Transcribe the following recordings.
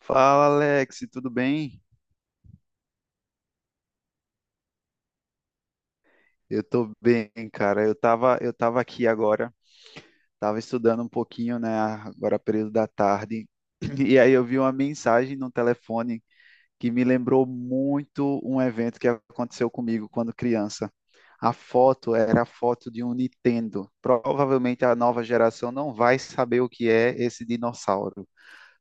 Fala, Alex, tudo bem? Eu tô bem, cara. Eu tava aqui agora, tava estudando um pouquinho, né, agora período da tarde, e aí eu vi uma mensagem no telefone que me lembrou muito um evento que aconteceu comigo quando criança. A foto era a foto de um Nintendo. Provavelmente a nova geração não vai saber o que é esse dinossauro.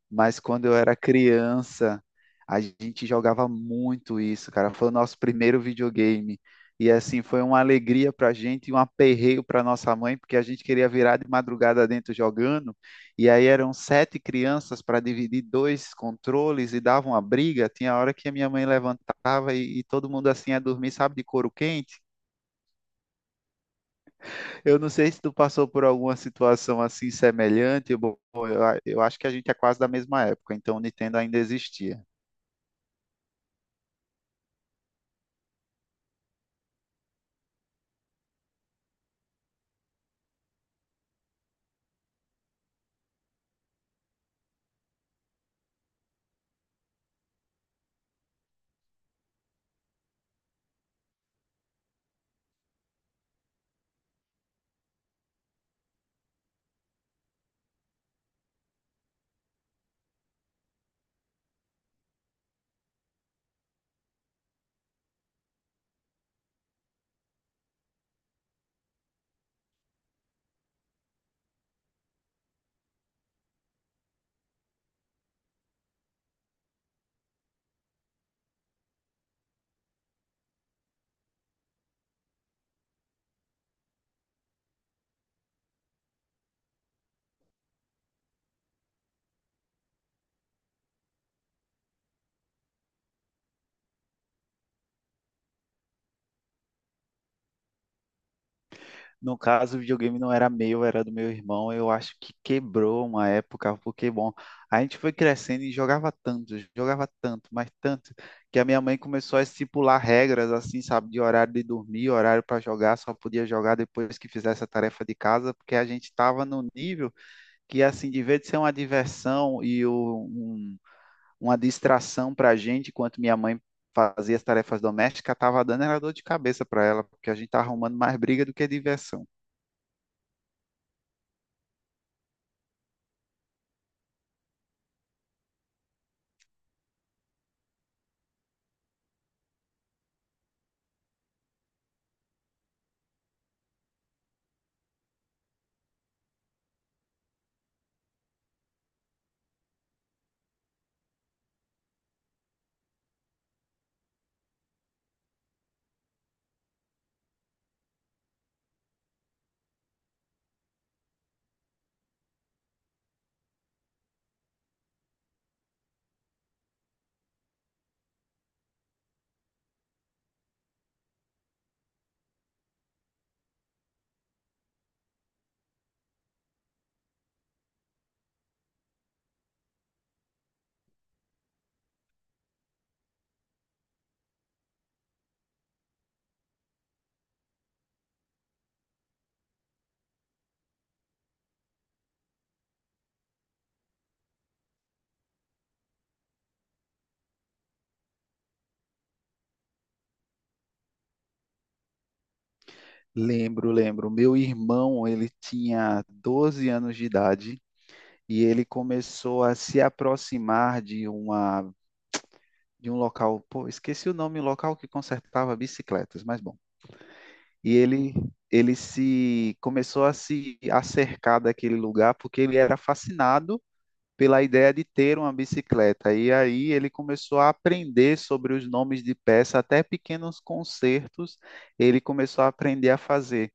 Mas quando eu era criança, a gente jogava muito isso, cara. Foi o nosso primeiro videogame. E assim, foi uma alegria pra gente e um aperreio pra nossa mãe, porque a gente queria virar de madrugada dentro jogando. E aí eram sete crianças para dividir dois controles e dava uma briga. Tinha hora que a minha mãe levantava e todo mundo assim ia dormir, sabe, de couro quente. Eu não sei se tu passou por alguma situação assim semelhante. Bom, eu acho que a gente é quase da mesma época, então o Nintendo ainda existia. No caso, o videogame não era meu, era do meu irmão. Eu acho que quebrou uma época, porque, bom, a gente foi crescendo e jogava tanto, mas tanto, que a minha mãe começou a estipular regras, assim, sabe, de horário de dormir, horário para jogar, só podia jogar depois que fizesse a tarefa de casa, porque a gente estava no nível que, assim, de vez de ser uma diversão e uma distração para a gente, enquanto minha mãe fazia as tarefas domésticas, estava dando era dor de cabeça para ela, porque a gente estava arrumando mais briga do que diversão. Lembro, lembro. Meu irmão, ele tinha 12 anos de idade e ele começou a se aproximar de uma, de um local, pô, esqueci o nome, um local que consertava bicicletas, mas bom. E ele se começou a se acercar daquele lugar porque ele era fascinado pela ideia de ter uma bicicleta. E aí ele começou a aprender sobre os nomes de peça, até pequenos consertos ele começou a aprender a fazer.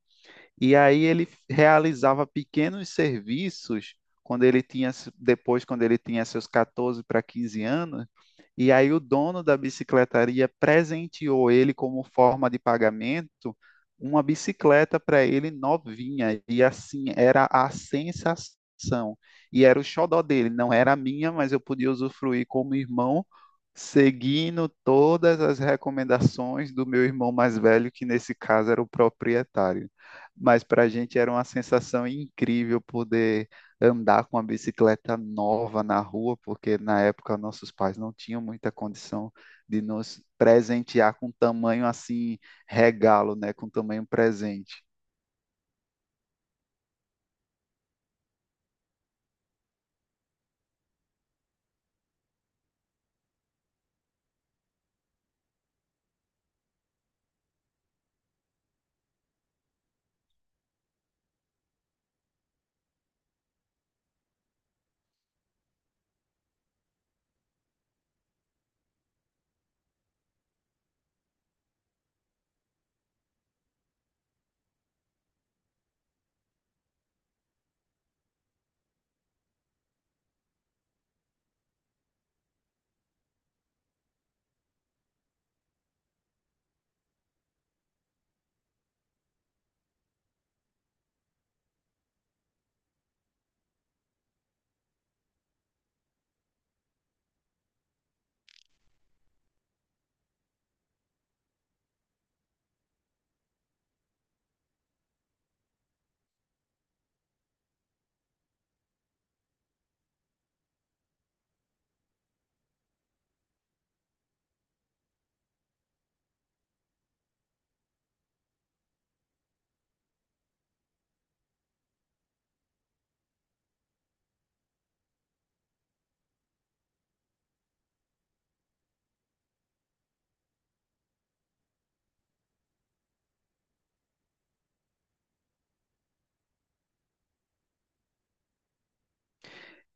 E aí ele realizava pequenos serviços quando ele tinha, depois, quando ele tinha seus 14 para 15 anos, e aí o dono da bicicletaria presenteou ele como forma de pagamento uma bicicleta para ele novinha, e assim era a sensação. E era o xodó dele, não era a minha, mas eu podia usufruir como irmão, seguindo todas as recomendações do meu irmão mais velho, que nesse caso era o proprietário. Mas para a gente era uma sensação incrível poder andar com uma bicicleta nova na rua, porque na época nossos pais não tinham muita condição de nos presentear com tamanho assim, regalo, né, com tamanho presente.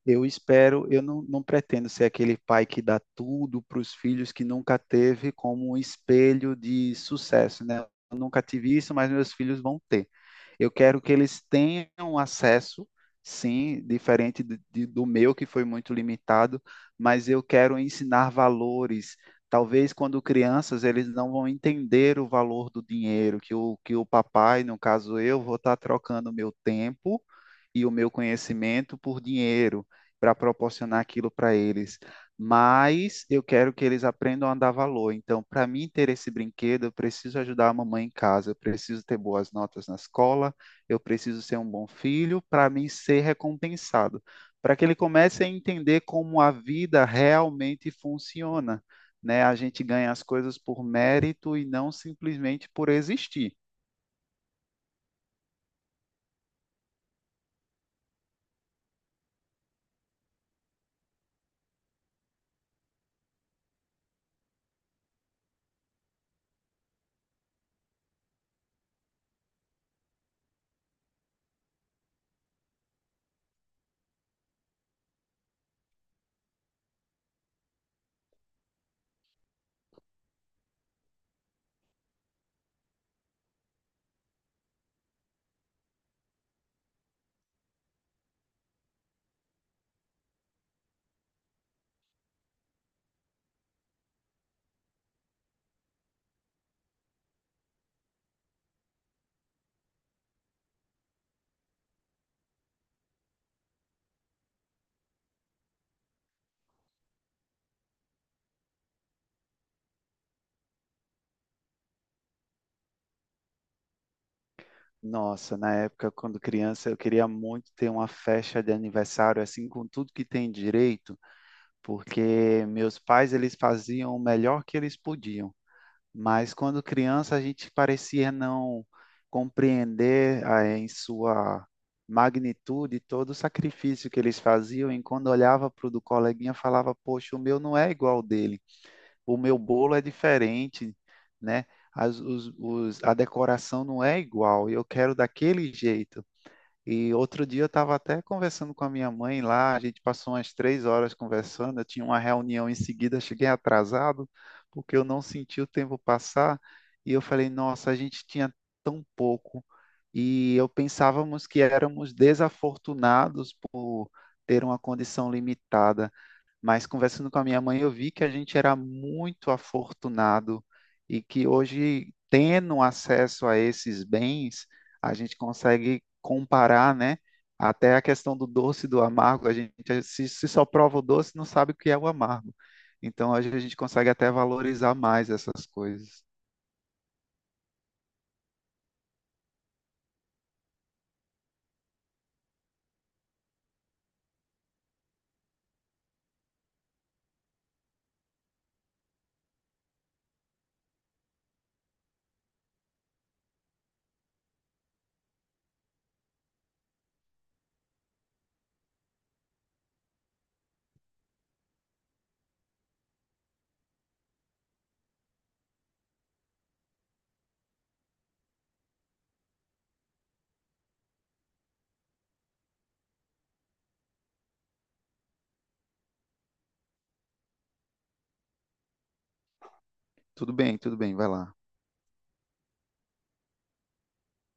Eu espero, eu não, não pretendo ser aquele pai que dá tudo para os filhos que nunca teve como um espelho de sucesso, né? Eu nunca tive isso, mas meus filhos vão ter. Eu quero que eles tenham acesso, sim, diferente do meu, que foi muito limitado, mas eu quero ensinar valores. Talvez quando crianças eles não vão entender o valor do dinheiro, que o papai, no caso eu, vou estar trocando meu tempo e o meu conhecimento por dinheiro para proporcionar aquilo para eles, mas eu quero que eles aprendam a dar valor. Então, para mim ter esse brinquedo, eu preciso ajudar a mamãe em casa, eu preciso ter boas notas na escola, eu preciso ser um bom filho para mim ser recompensado, para que ele comece a entender como a vida realmente funciona, né? A gente ganha as coisas por mérito e não simplesmente por existir. Nossa, na época, quando criança, eu queria muito ter uma festa de aniversário, assim, com tudo que tem direito, porque meus pais, eles faziam o melhor que eles podiam. Mas quando criança, a gente parecia não compreender, ah, em sua magnitude todo o sacrifício que eles faziam, e quando olhava para o do coleguinha, falava, poxa, o meu não é igual ao dele, o meu bolo é diferente, né? A decoração não é igual, e eu quero daquele jeito. E outro dia eu estava até conversando com a minha mãe lá, a gente passou umas 3 horas conversando, eu tinha uma reunião em seguida, cheguei atrasado, porque eu não senti o tempo passar, e eu falei, nossa, a gente tinha tão pouco, e eu pensávamos que éramos desafortunados por ter uma condição limitada. Mas conversando com a minha mãe, eu vi que a gente era muito afortunado e que hoje, tendo acesso a esses bens, a gente consegue comparar, né? Até a questão do doce e do amargo, a gente se só prova o doce, não sabe o que é o amargo. Então, hoje a gente consegue até valorizar mais essas coisas. Tudo bem, vai lá.